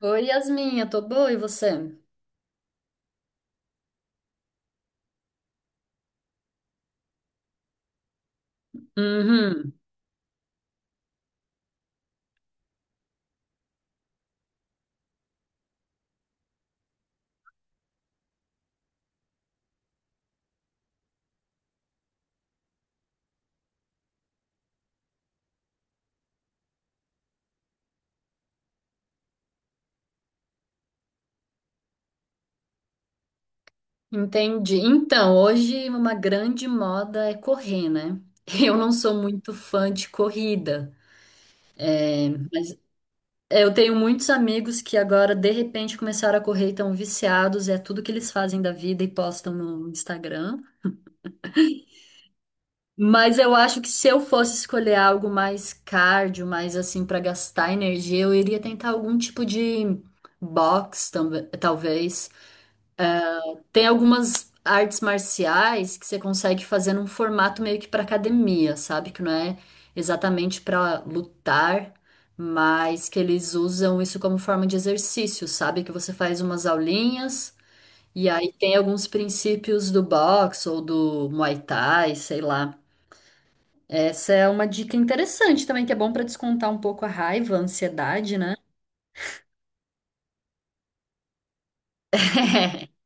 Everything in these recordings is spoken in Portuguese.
Oi, Yasmin, eu tô boa, e você? Uhum, entendi. Então, hoje uma grande moda é correr, né? Eu não sou muito fã de corrida, mas eu tenho muitos amigos que agora de repente começaram a correr e estão viciados, é tudo que eles fazem da vida e postam no Instagram. Mas eu acho que se eu fosse escolher algo mais cardio, mais assim pra gastar energia, eu iria tentar algum tipo de box, talvez. Tem algumas artes marciais que você consegue fazer num formato meio que para academia, sabe? Que não é exatamente para lutar, mas que eles usam isso como forma de exercício, sabe? Que você faz umas aulinhas e aí tem alguns princípios do boxe ou do Muay Thai, sei lá. Essa é uma dica interessante também, que é bom para descontar um pouco a raiva, a ansiedade, né?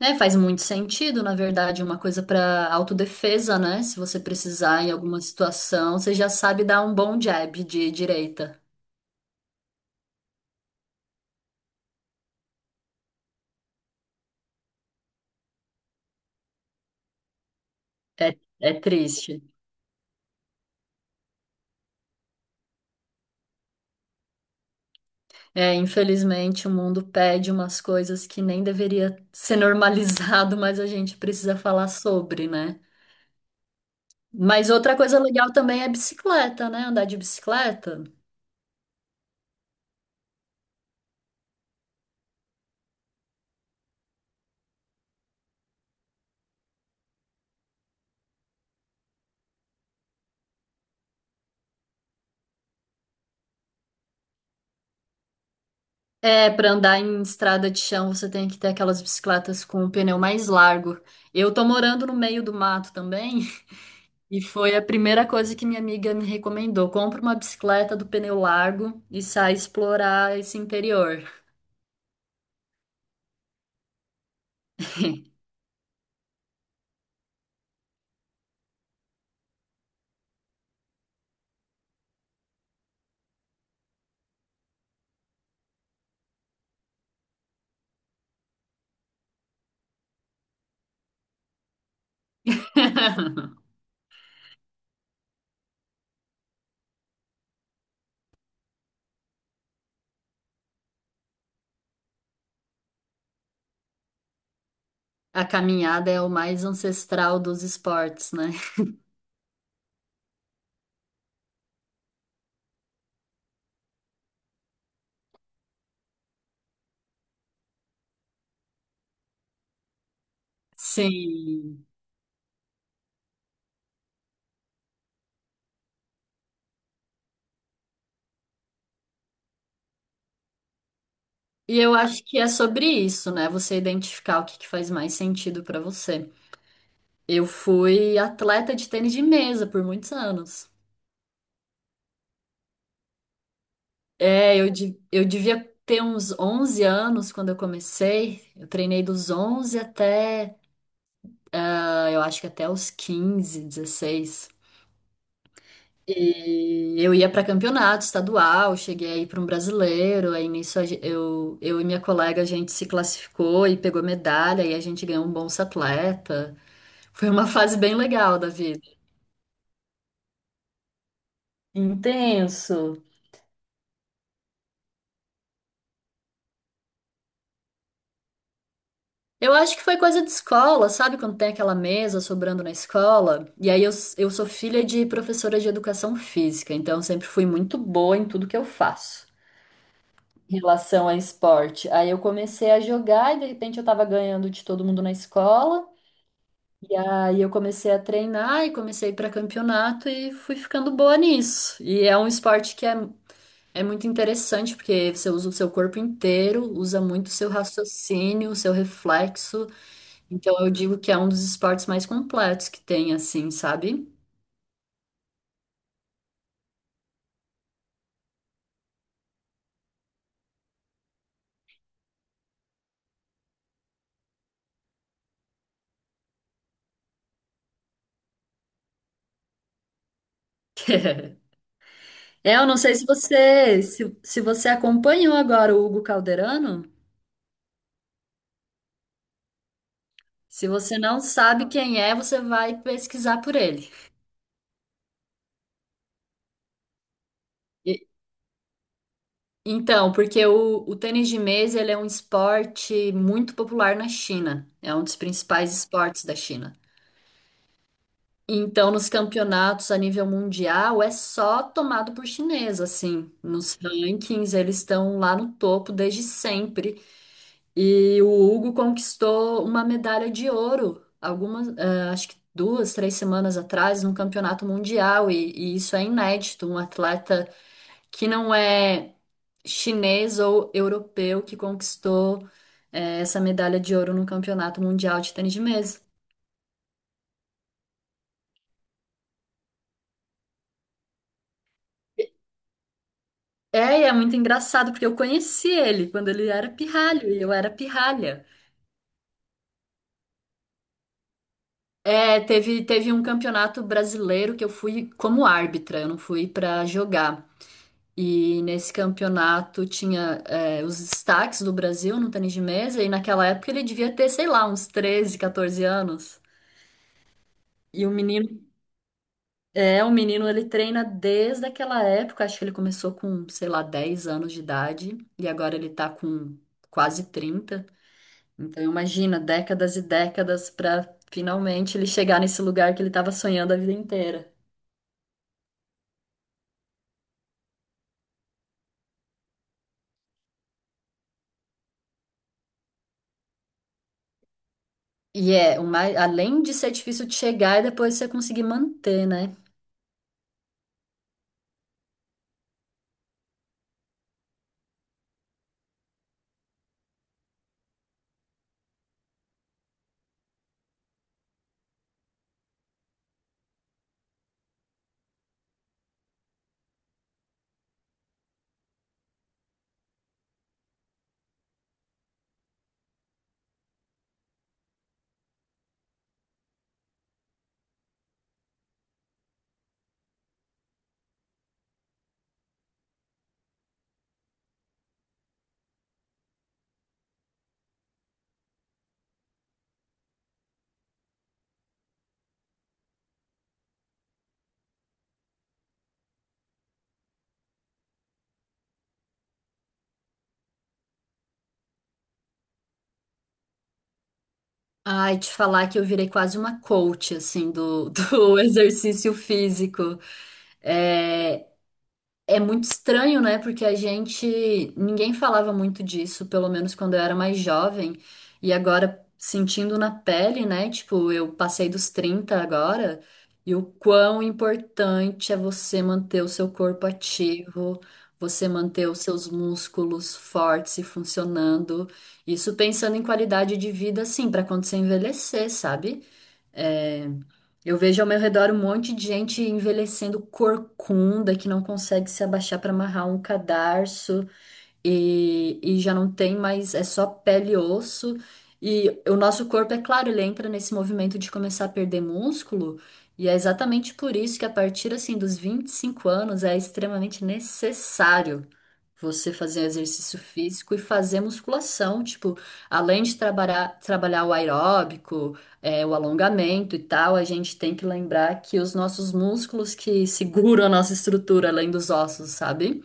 É, faz muito sentido, na verdade, uma coisa para autodefesa, né? Se você precisar em alguma situação, você já sabe dar um bom jab de direita. É, é triste. É, infelizmente, o mundo pede umas coisas que nem deveria ser normalizado, mas a gente precisa falar sobre, né? Mas outra coisa legal também é bicicleta, né? Andar de bicicleta. É, para andar em estrada de chão, você tem que ter aquelas bicicletas com o pneu mais largo. Eu tô morando no meio do mato também. E foi a primeira coisa que minha amiga me recomendou. Compra uma bicicleta do pneu largo e sai explorar esse interior. A caminhada é o mais ancestral dos esportes, né? Sim. E eu acho que é sobre isso, né? Você identificar o que que faz mais sentido pra você. Eu fui atleta de tênis de mesa por muitos anos. É, eu devia ter uns 11 anos quando eu comecei. Eu treinei dos 11 até eu acho que até os 15, 16. E eu ia para campeonato estadual, cheguei aí para um brasileiro, aí nisso eu e minha colega a gente se classificou e pegou medalha e a gente ganhou um Bolsa Atleta. Foi uma fase bem legal da vida. Intenso. Eu acho que foi coisa de escola, sabe? Quando tem aquela mesa sobrando na escola. E aí eu sou filha de professora de educação física, então eu sempre fui muito boa em tudo que eu faço em relação a esporte. Aí eu comecei a jogar e de repente eu tava ganhando de todo mundo na escola. E aí eu comecei a treinar e comecei para campeonato e fui ficando boa nisso. E é um esporte que é, é muito interessante porque você usa o seu corpo inteiro, usa muito o seu raciocínio, o seu reflexo. Então eu digo que é um dos esportes mais completos que tem, assim, sabe? É, eu não sei se você se, se você acompanhou agora o Hugo Calderano. Se você não sabe quem é, você vai pesquisar por ele. E então, porque o tênis de mesa, ele é um esporte muito popular na China. É um dos principais esportes da China. Então, nos campeonatos a nível mundial, é só tomado por chinês, assim. Nos rankings, eles estão lá no topo desde sempre. E o Hugo conquistou uma medalha de ouro, algumas, acho que 2, 3 semanas atrás, no campeonato mundial. E isso é inédito, um atleta que não é chinês ou europeu que conquistou é, essa medalha de ouro no Campeonato Mundial de Tênis de Mesa. É, e é muito engraçado, porque eu conheci ele quando ele era pirralho e eu era pirralha. É, teve um campeonato brasileiro que eu fui como árbitra, eu não fui pra jogar. E nesse campeonato tinha, é, os destaques do Brasil no tênis de mesa, e naquela época ele devia ter, sei lá, uns 13, 14 anos. E o menino o menino ele treina desde aquela época, acho que ele começou com, sei lá, 10 anos de idade e agora ele tá com quase 30. Então imagina, décadas e décadas pra finalmente ele chegar nesse lugar que ele tava sonhando a vida inteira. E é, o mais, além de ser difícil de chegar e depois você conseguir manter, né? Ai, te falar que eu virei quase uma coach, assim, do exercício físico. É, é muito estranho, né? Porque a gente, ninguém falava muito disso, pelo menos quando eu era mais jovem. E agora, sentindo na pele, né? Tipo, eu passei dos 30 agora, e o quão importante é você manter o seu corpo ativo, você manter os seus músculos fortes e funcionando. Isso pensando em qualidade de vida, assim, para quando você envelhecer, sabe? É, eu vejo ao meu redor um monte de gente envelhecendo corcunda, que não consegue se abaixar para amarrar um cadarço e já não tem mais, é só pele e osso. E o nosso corpo, é claro, ele entra nesse movimento de começar a perder músculo, e é exatamente por isso que a partir assim dos 25 anos é extremamente necessário você fazer exercício físico e fazer musculação, tipo, além de trabalhar o aeróbico, é, o alongamento e tal, a gente tem que lembrar que os nossos músculos que seguram a nossa estrutura, além dos ossos, sabe?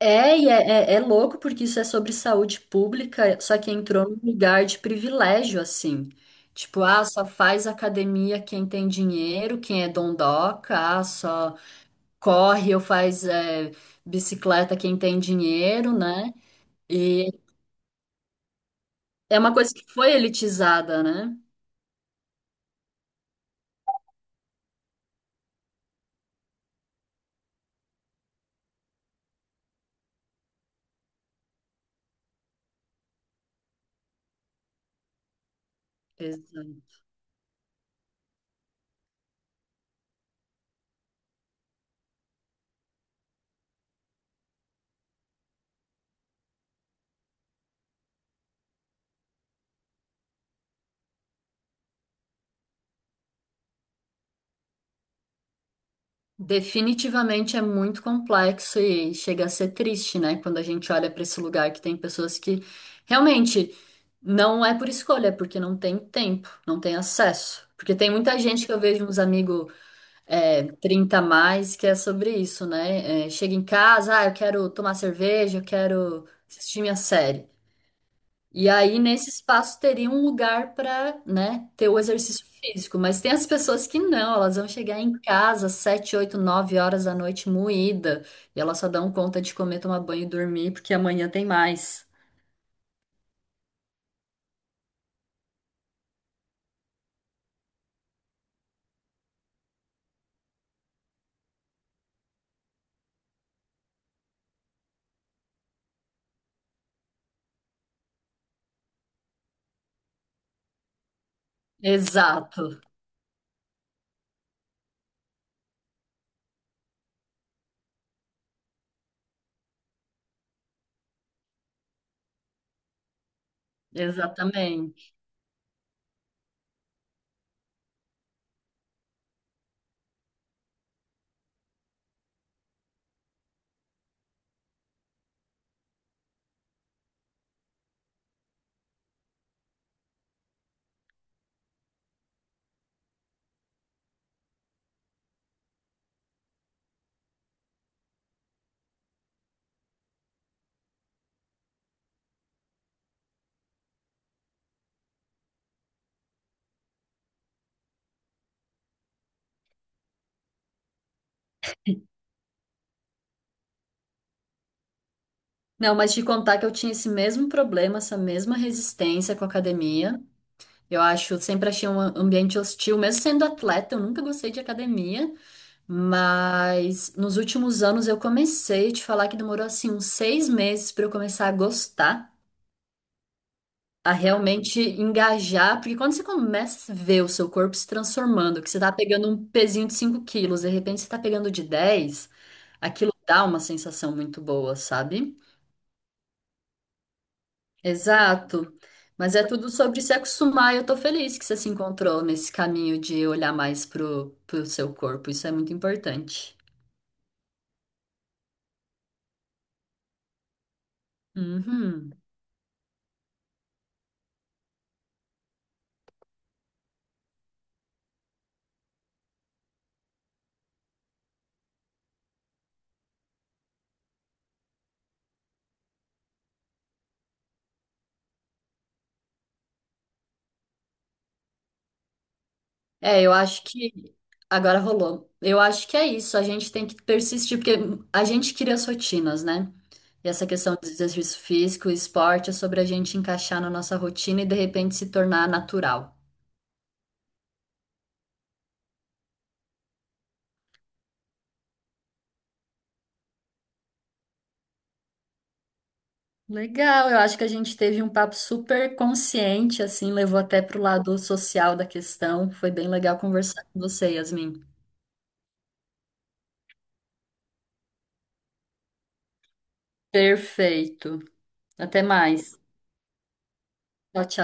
É, e é, é louco porque isso é sobre saúde pública, só que entrou num lugar de privilégio, assim. Tipo, ah, só faz academia quem tem dinheiro, quem é dondoca, ah, só corre ou faz é, bicicleta quem tem dinheiro, né? E é uma coisa que foi elitizada, né? Exato. Definitivamente é muito complexo e chega a ser triste, né? Quando a gente olha para esse lugar que tem pessoas que realmente não é por escolha, é porque não tem tempo, não tem acesso. Porque tem muita gente que eu vejo uns amigos é, 30 a mais que é sobre isso, né? É, chega em casa, ah, eu quero tomar cerveja, eu quero assistir minha série. E aí, nesse espaço, teria um lugar para, né, ter o exercício físico. Mas tem as pessoas que não, elas vão chegar em casa às 7, 8, 9 horas da noite moída. E elas só dão conta de comer, tomar banho e dormir, porque amanhã tem mais. Exato, exatamente. Não, mas te contar que eu tinha esse mesmo problema, essa mesma resistência com a academia. Eu acho, sempre achei um ambiente hostil, mesmo sendo atleta, eu nunca gostei de academia. Mas nos últimos anos eu comecei te falar que demorou assim uns 6 meses para eu começar a gostar, a realmente engajar, porque quando você começa a ver o seu corpo se transformando, que você tá pegando um pezinho de 5 quilos, de repente você tá pegando de 10, aquilo dá uma sensação muito boa, sabe? Exato. Mas é tudo sobre se acostumar e eu tô feliz que você se encontrou nesse caminho de olhar mais pro seu corpo. Isso é muito importante. Uhum. É, eu acho que agora rolou. Eu acho que é isso. A gente tem que persistir, porque a gente cria as rotinas, né? E essa questão do exercício físico, esporte, é sobre a gente encaixar na nossa rotina e de repente se tornar natural. Legal, eu acho que a gente teve um papo super consciente, assim, levou até pro lado social da questão. Foi bem legal conversar com você, Yasmin. Perfeito. Até mais. Tchau, tchau.